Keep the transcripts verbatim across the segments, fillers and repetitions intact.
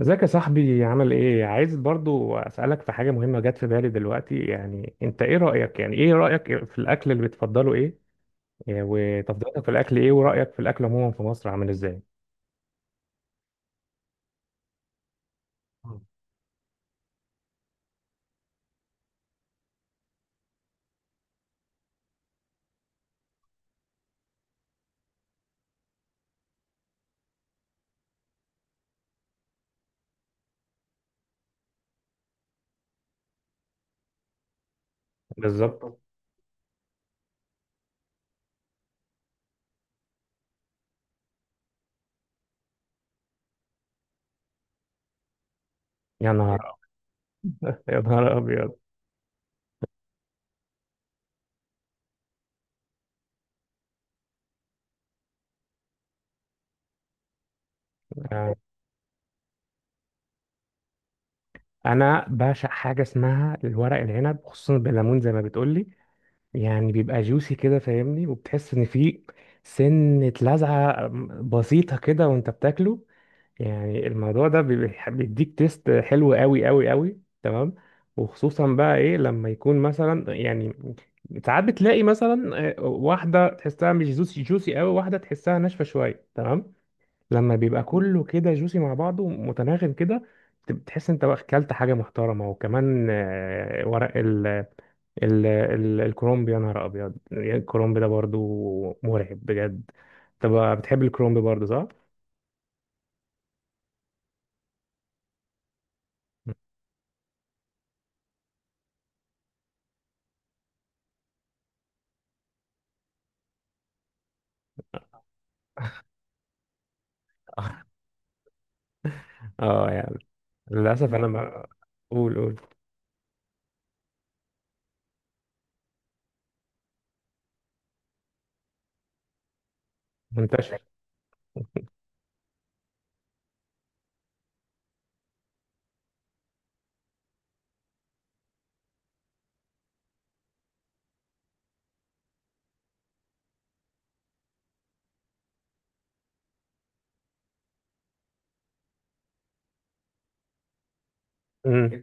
ازيك يا صاحبي، عامل ايه؟ عايز برضو اسالك في حاجه مهمه جت في بالي دلوقتي. يعني انت ايه رايك، يعني ايه رايك في الاكل اللي بتفضله؟ ايه؟ إيه وتفضيلاتك في الاكل؟ ايه ورايك في الاكل عموما في مصر، عامل ازاي؟ مم. بالظبط. يا نهار. يا نهار ابيض. يعني انا بعشق حاجه اسمها الورق العنب، خصوصا بالليمون زي ما بتقولي. يعني بيبقى جوسي كده، فاهمني، وبتحس ان فيه سنه لذعه بسيطه كده وانت بتاكله. يعني الموضوع ده بيبقى- بيديك تيست حلو قوي قوي قوي، تمام. وخصوصا بقى ايه لما يكون مثلا، يعني ساعات بتلاقي مثلا، آه، واحده تحسها مش جوسي جوسي قوي، واحده تحسها ناشفه شويه، تمام. لما بيبقى كله كده جوسي مع بعضه متناغم كده، بت- بتحس انت بقى اكلت حاجه محترمه. وكمان، آه، ورق ال ال ال الكرومب، يا نهار ابيض، الكرومب ده برضو مرعب بجد. طب، بتحب الكرومب برضو، صح؟ اه، يعني. للأسف أنا ما. قول، قول. منتشر. امم.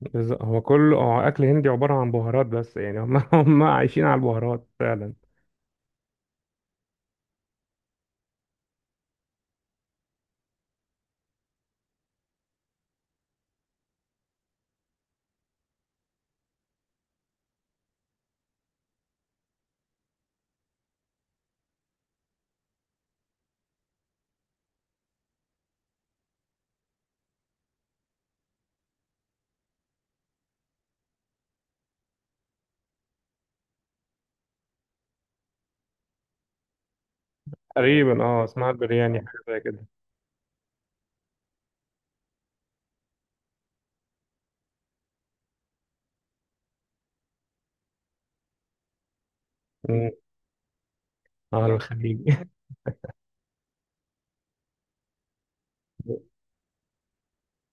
بالظبط. هو كله هو أكل هندي عبارة عن بهارات بس، يعني هم هم عايشين على البهارات فعلا. تقريبا، اه، اسمها البرياني، حاجة زي كده. امم. اه، الخليج.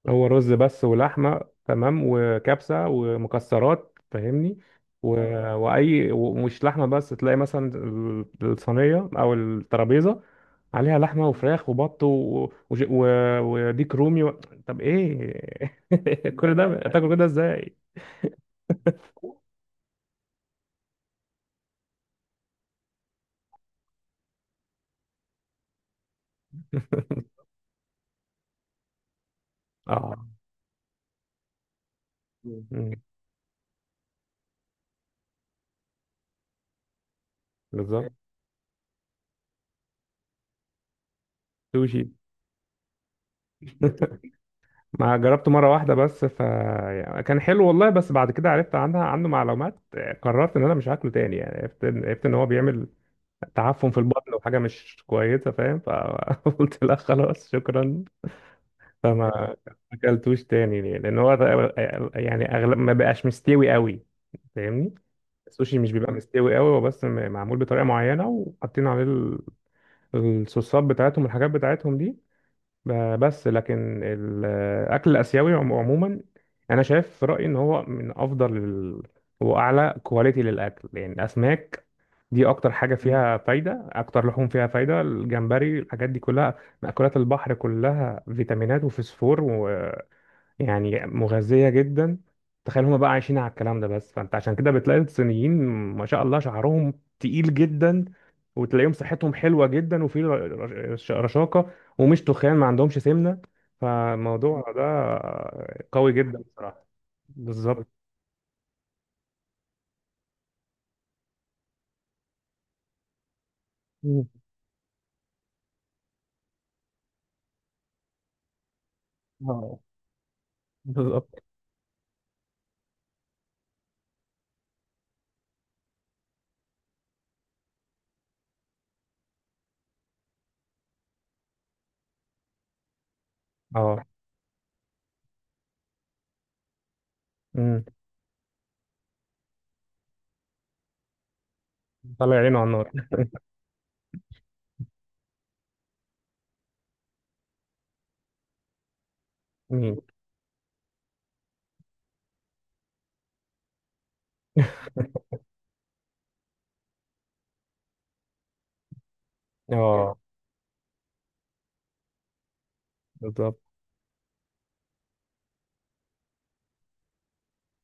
هو رز بس ولحمه، تمام، وكبسه ومكسرات، فاهمني. و، واي، ومش لحمه بس، تلاقي مثلا ال- الصينيه او الترابيزه عليها لحمه وفراخ وبط، و وج- و وديك رومي و. طب ايه، كل ده تاكل كده ازاي؟ اه. مم. بالظبط. سوشي. ما جربته مره واحده بس، ف يعني كان حلو والله، بس بعد كده عرفت عنها عنه معلومات، قررت ان انا مش هاكله تاني. يعني عرفت ان عرفت ان هو بيعمل تعفن في البطن وحاجه مش كويسه، فاهم، فقلت لا خلاص شكرا. فما. ما اكلتوش تاني ليه؟ لان هو يعني اغلب ما بقاش مستوي قوي، فاهمني. السوشي مش بيبقى مستوي قوي، هو بس م- معمول بطريقه معينه وحاطين عليه ال- الصوصات بتاعتهم والحاجات بتاعتهم دي. ب- بس لكن الاكل الاسيوي عم- عموما، انا شايف في رايي ان هو من افضل ال- واعلى كواليتي للاكل. يعني الاسماك دي اكتر حاجه مم. فيها فايده، اكتر لحوم فيها فايده، الجمبري، الحاجات دي كلها، مأكولات البحر كلها فيتامينات وفسفور، يعني مغذية جدا. تخيل هما بقى عايشين على الكلام ده بس، فانت عشان كده بتلاقي الصينيين ما شاء الله شعرهم تقيل جدا، وتلاقيهم صحتهم حلوة جدا وفي ر- رش- رشاقة، ومش تخان، ما عندهمش سمنة. فالموضوع ده قوي جدا بصراحة. بالظبط. مم. اه، بالظبط. اه، مم. طلع عينه على النار. مين؟ اه، بالظبط،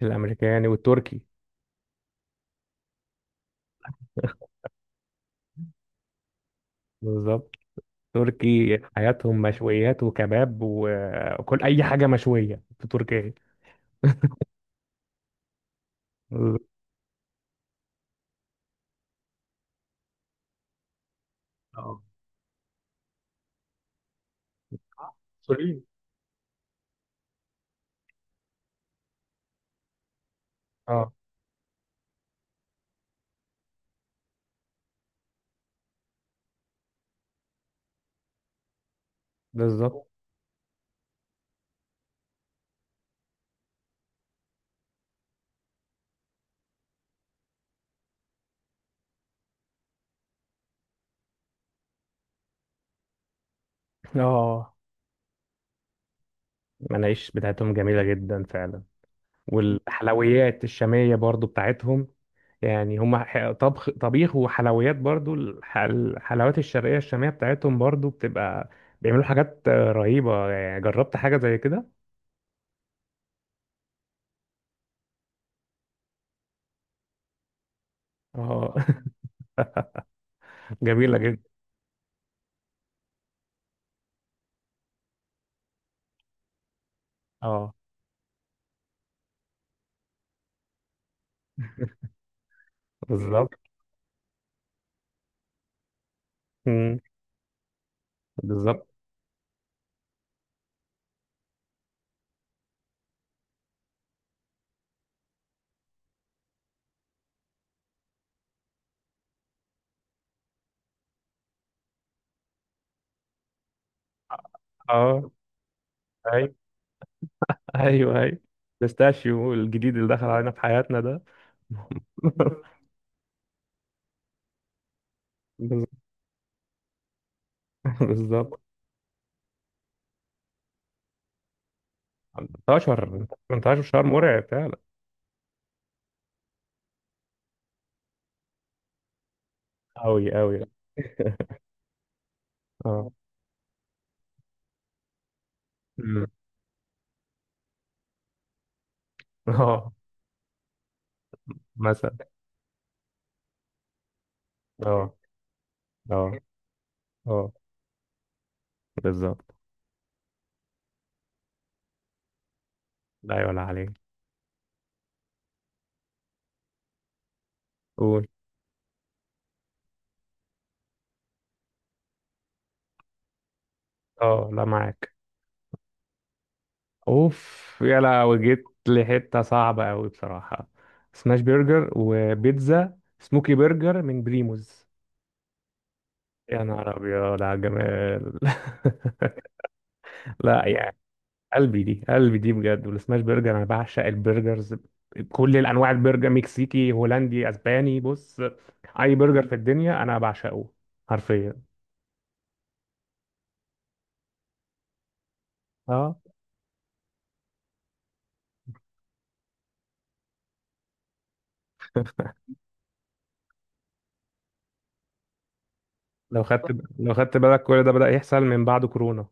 الامريكاني والتركي. بالظبط. تركي حياتهم مشويات وكباب و- وكل اي حاجه مشويه في تركيا. اه، سوريين. اه، بالظبط. اه، المناقيش بتاعتهم جميله جدا فعلا، والحلويات الشاميه برضو بتاعتهم. يعني هم ح- طبخ طبيخ وحلويات، برضو الح- الحلويات الشرقيه الشاميه بتاعتهم برضو بتبقى، بيعملوا حاجات رهيبه، يعني، جربت حاجه زي كده. اه. جميله جدا. اه، بالظبط. مم. بالظبط. اه، أيوة. ايوه، ايوه. بيستاشيو الجديد اللي دخل علينا في حياتنا ده. بالظبط. 18 18 شهر مرعب فعلا. أوي أوي. اه. أمم. اه، مثلا. اه، اه، اه. بالظبط. لا يعلى عليك. قول. اه، لا، معاك. اوف يا لهوي، جيت لحتة صعبة أوي بصراحة. سماش برجر وبيتزا سموكي برجر من بريموز. يا نهار أبيض على الجمال. لا، يعني، قلبي دي، قلبي دي بجد، والسماش برجر، انا بعشق البرجرز بكل الانواع، البرجر مكسيكي، هولندي، اسباني، بص، اي برجر في الدنيا انا بعشقه، حرفيا. اه، لو خدت لو خدت بالك، كل ده بدأ يحصل من بعد كورونا.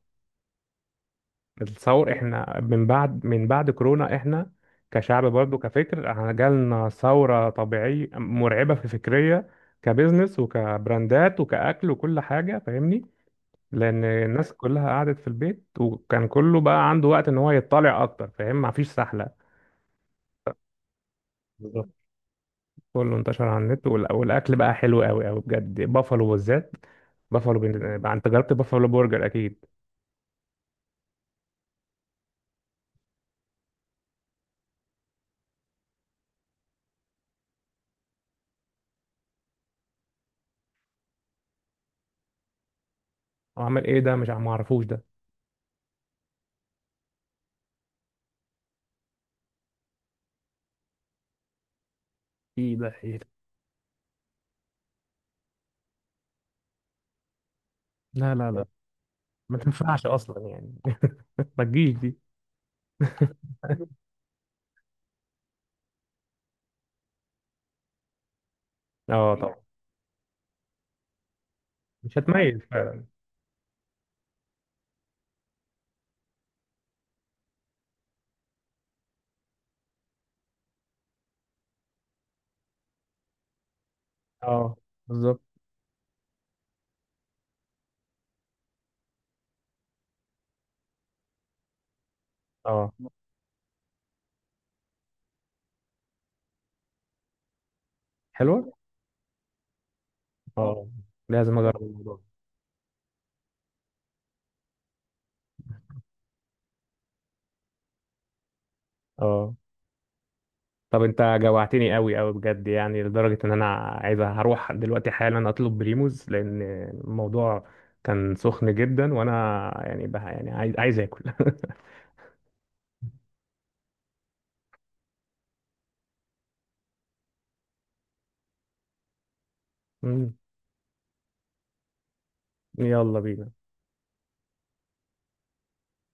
الثور احنا من بعد، من بعد كورونا احنا كشعب برضه، كفكر، احنا جالنا ثورة طبيعية مرعبة، في فكرية، كبزنس وكبراندات وكأكل وكل حاجة، فاهمني، لان الناس كلها قعدت في البيت وكان كله بقى عنده وقت ان هو يطلع اكتر، فاهم، مفيش سحله. بالظبط. كله انتشر على النت، والأ- والاكل بقى حلو قوي قوي بجد، بافالو بالذات. بافالو بن- بقى، انت جربت بافالو برجر اكيد. هو عمل ايه ده؟ مش عم- ما اعرفوش ده. ايه ده، ايه ده؟ لا، لا، لا، ما تنفعش اصلا يعني. ما تجيش دي. اه، طبعا. مش هتميز فعلا. اه، بالظبط. اه، حلوه. اه، لازم اجرب الموضوع ده. اه، طب انت جوعتني قوي قوي بجد، يعني لدرجة ان انا عايز هروح دلوقتي حالا اطلب بريموز، لان الموضوع كان سخن جدا، وانا يعني بقى، يعني عايز عايز اكل. مم. يلا بينا.